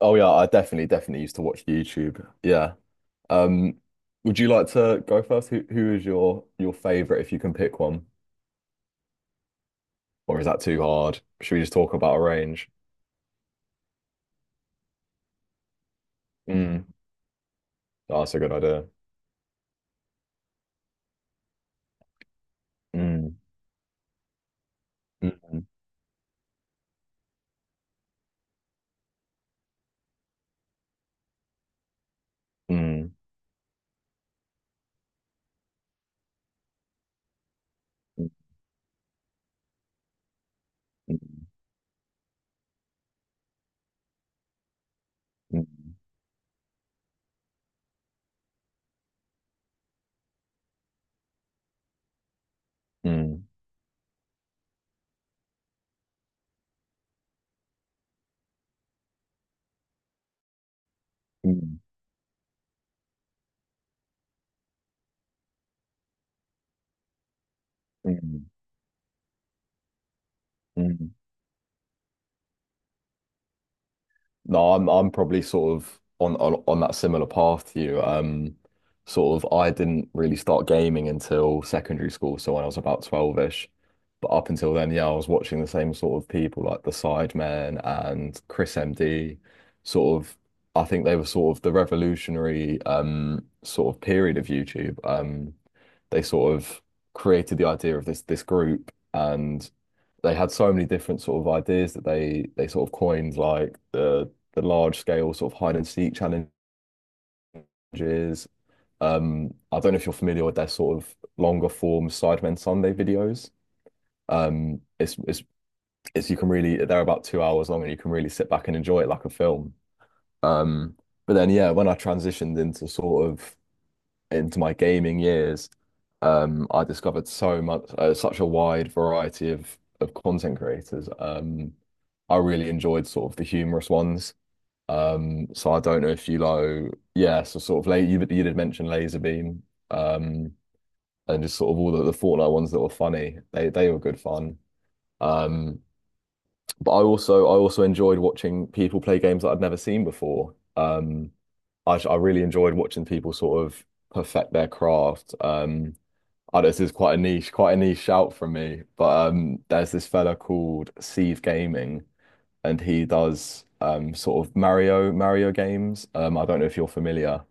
Oh yeah, I definitely used to watch YouTube. Yeah. Um, would you like to go first? Who is your favorite if you can pick one? Or is that too hard? Should we just talk about a range? Mm. Oh, that's a good idea. Mm. Mm. Mm. Mm. Mm. Mm. Mm. Mm. Mm. Mm, mm. No, I'm probably sort of on that similar path to you. Sort of I didn't really start gaming until secondary school, so when I was about 12-ish. But up until then, yeah, I was watching the same sort of people like the Sidemen and Chris MD. Sort of, I think they were sort of the revolutionary sort of period of YouTube. They sort of created the idea of this group and they had so many different sort of ideas that they sort of coined like the large scale sort of hide and seek challenges. I don't know if you're familiar with their sort of longer form Sidemen Sunday videos. Um, it's it's it's you can really they're about two hours long and you can really sit back and enjoy it like a film. Um, but then yeah, when I transitioned into sort of into my gaming years, I discovered so much, such a wide variety of content creators. I really enjoyed sort of the humorous ones. So I don't know if you know, yeah, so sort of late you did mention Laserbeam, um, and just sort of all the Fortnite ones that were funny. They were good fun. Um, but I also enjoyed watching people play games that I'd never seen before. I really enjoyed watching people sort of perfect their craft. Oh, this is quite a niche shout from me. But there's this fella called Sieve Gaming, and he does sort of Mario games. I don't know if you're familiar,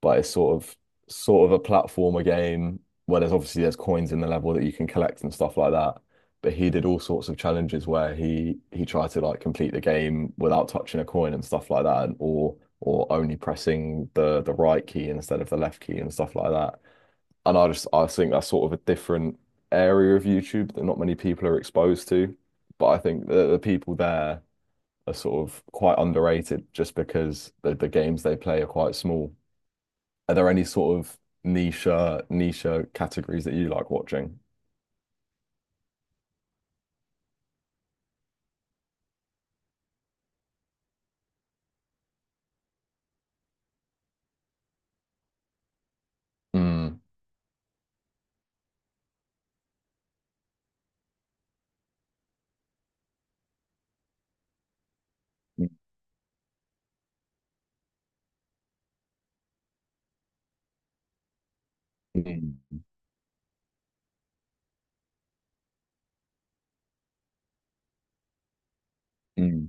but it's sort of a platformer game where there's obviously there's coins in the level that you can collect and stuff like that. But he did all sorts of challenges where he tried to like complete the game without touching a coin and stuff like that, and, or only pressing the right key instead of the left key and stuff like that. And I think that's sort of a different area of YouTube that not many people are exposed to. But I think the people there are sort of quite underrated just because the games they play are quite small. Are there any sort of niche categories that you like watching? Mm. Mm, mm,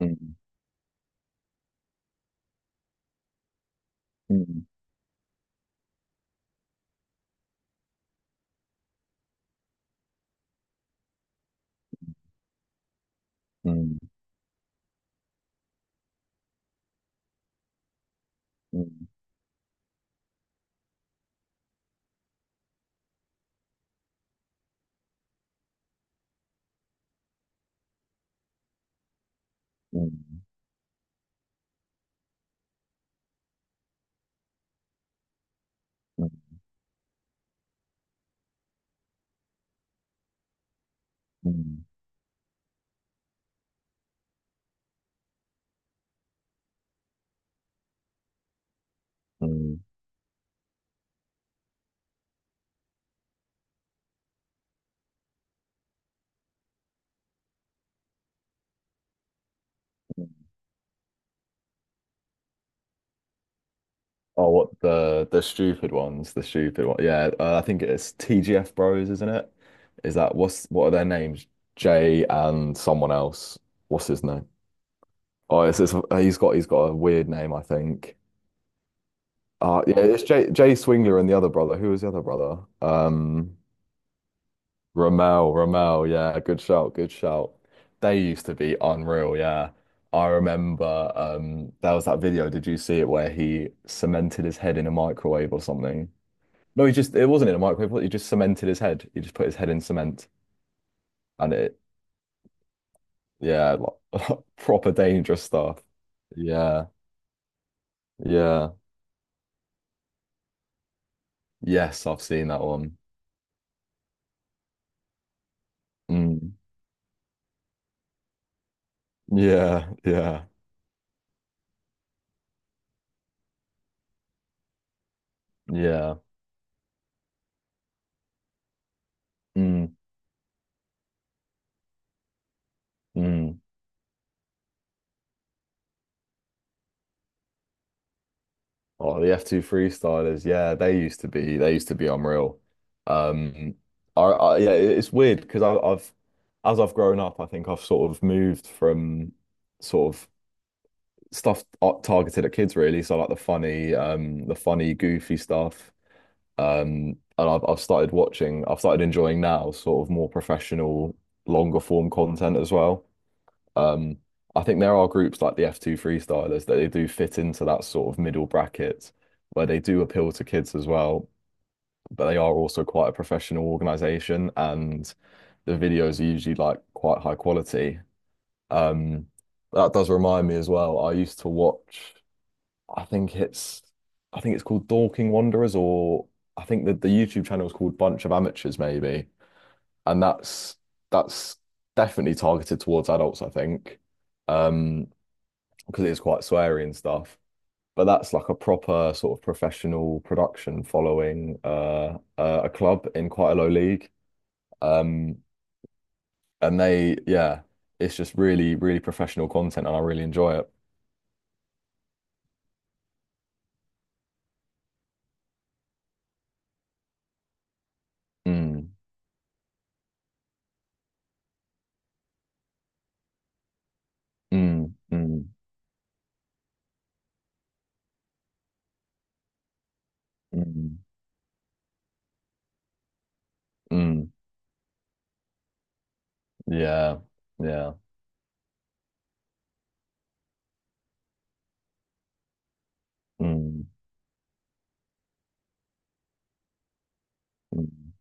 mm, mm, mm, mm, mm, mm, mm, mm, mm, mm, mm. Oh, what the stupid ones, the stupid one. Yeah, I think it's TGF Bros, isn't it? Is that what's what are their names? Jay and someone else. What's his name? Oh, it's he's got a weird name, I think. Yeah, it's Jay Swingler and the other brother. Who was the other brother? Ramel, Ramel. Yeah, good shout. They used to be unreal. Yeah, I remember. There was that video. Did you see it where he cemented his head in a microwave or something? No, he just, it wasn't in a microwave, was it? He just cemented his head. He just put his head in cement and it, yeah, like, proper dangerous stuff. Yeah, yeah. Yes, I've seen that one. Mm. Yeah, yeah, yeah. Mm, mm. Oh, the F2 freestylers, yeah, they used to be unreal. Um, I yeah, it- it's weird because I've, as I've grown up, I think I've sort of moved from sort of stuff targeted at kids really. So like the funny, goofy stuff. And I've started watching, I've started enjoying now sort of more professional, longer form content as well. Um, I think there are groups like the F2 Freestylers that they do fit into that sort of middle bracket where they do appeal to kids as well, but they are also quite a professional organization and the videos are usually like quite high quality. Um, that does remind me as well. I used to watch I think it's I think it's called Dorking Wanderers or I think that the YouTube channel is called Bunch of Amateurs maybe, and that's that's definitely targeted towards adults I think, um because it is quite sweary and stuff, but that's like a proper sort of professional production following a club in quite a low league, um and they yeah, it's just really professional content and I really enjoy it. Mm, mm, mm, mm, mm, yeah, yeah. Mm, mm,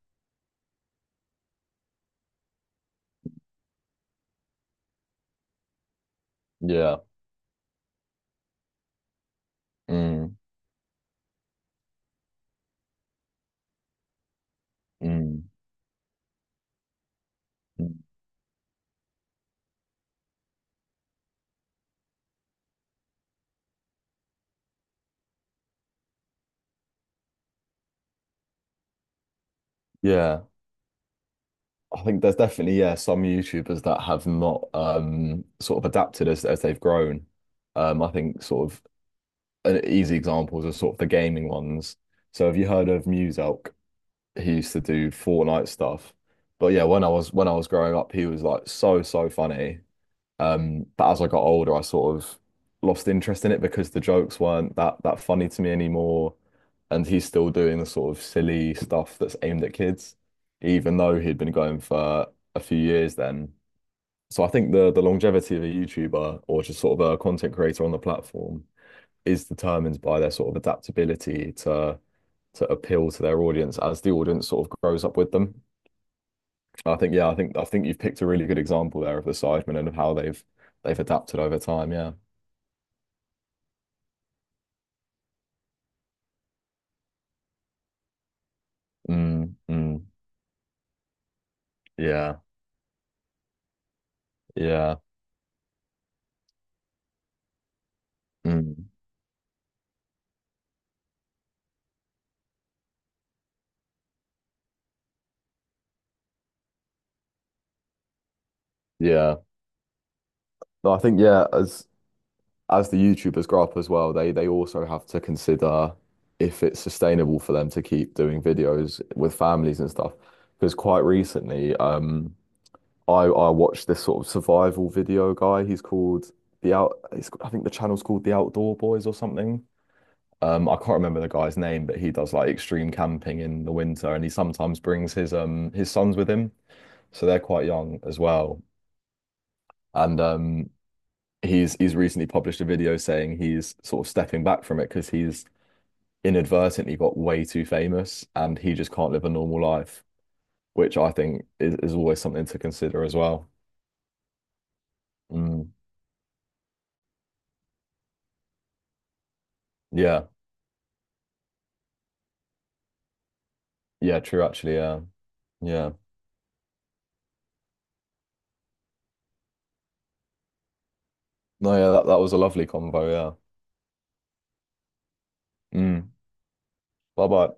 yeah. Mm, mm, mm. Yeah. I think there's definitely, yeah, some YouTubers that have not sort of adapted as they've grown. I think sort of an easy examples are sort of the gaming ones. So have you heard of Muzalk? He used to do Fortnite stuff. But yeah, when I was growing up, he was like so funny. But as I got older, I sort of lost interest in it because the jokes weren't that funny to me anymore. And he's still doing the sort of silly stuff that's aimed at kids, even though he'd been going for a few years then. So I think the longevity of a YouTuber or just sort of a content creator on the platform is determined by their sort of adaptability to appeal to their audience as the audience sort of grows up with them. I think, yeah, I think you've picked a really good example there of the Sidemen and of how they've adapted over time, yeah. Mm, mm, yeah, yeah, mm, yeah. No, I think yeah, as the YouTubers grow up as well, they also have to consider if it's sustainable for them to keep doing videos with families and stuff. Because quite recently, I watched this sort of survival video guy. He's called the out. He's, I think the channel's called the Outdoor Boys or something. I can't remember the guy's name, but he does like extreme camping in the winter, and he sometimes brings his sons with him. So they're quite young as well. And he's recently published a video saying he's sort of stepping back from it because he's inadvertently got way too famous and he just can't live a normal life, which I think is always something to consider as well. Mm, yeah, yeah, true, actually, yeah, yeah. No, yeah, that was a lovely convo, yeah. Mm, bye bye.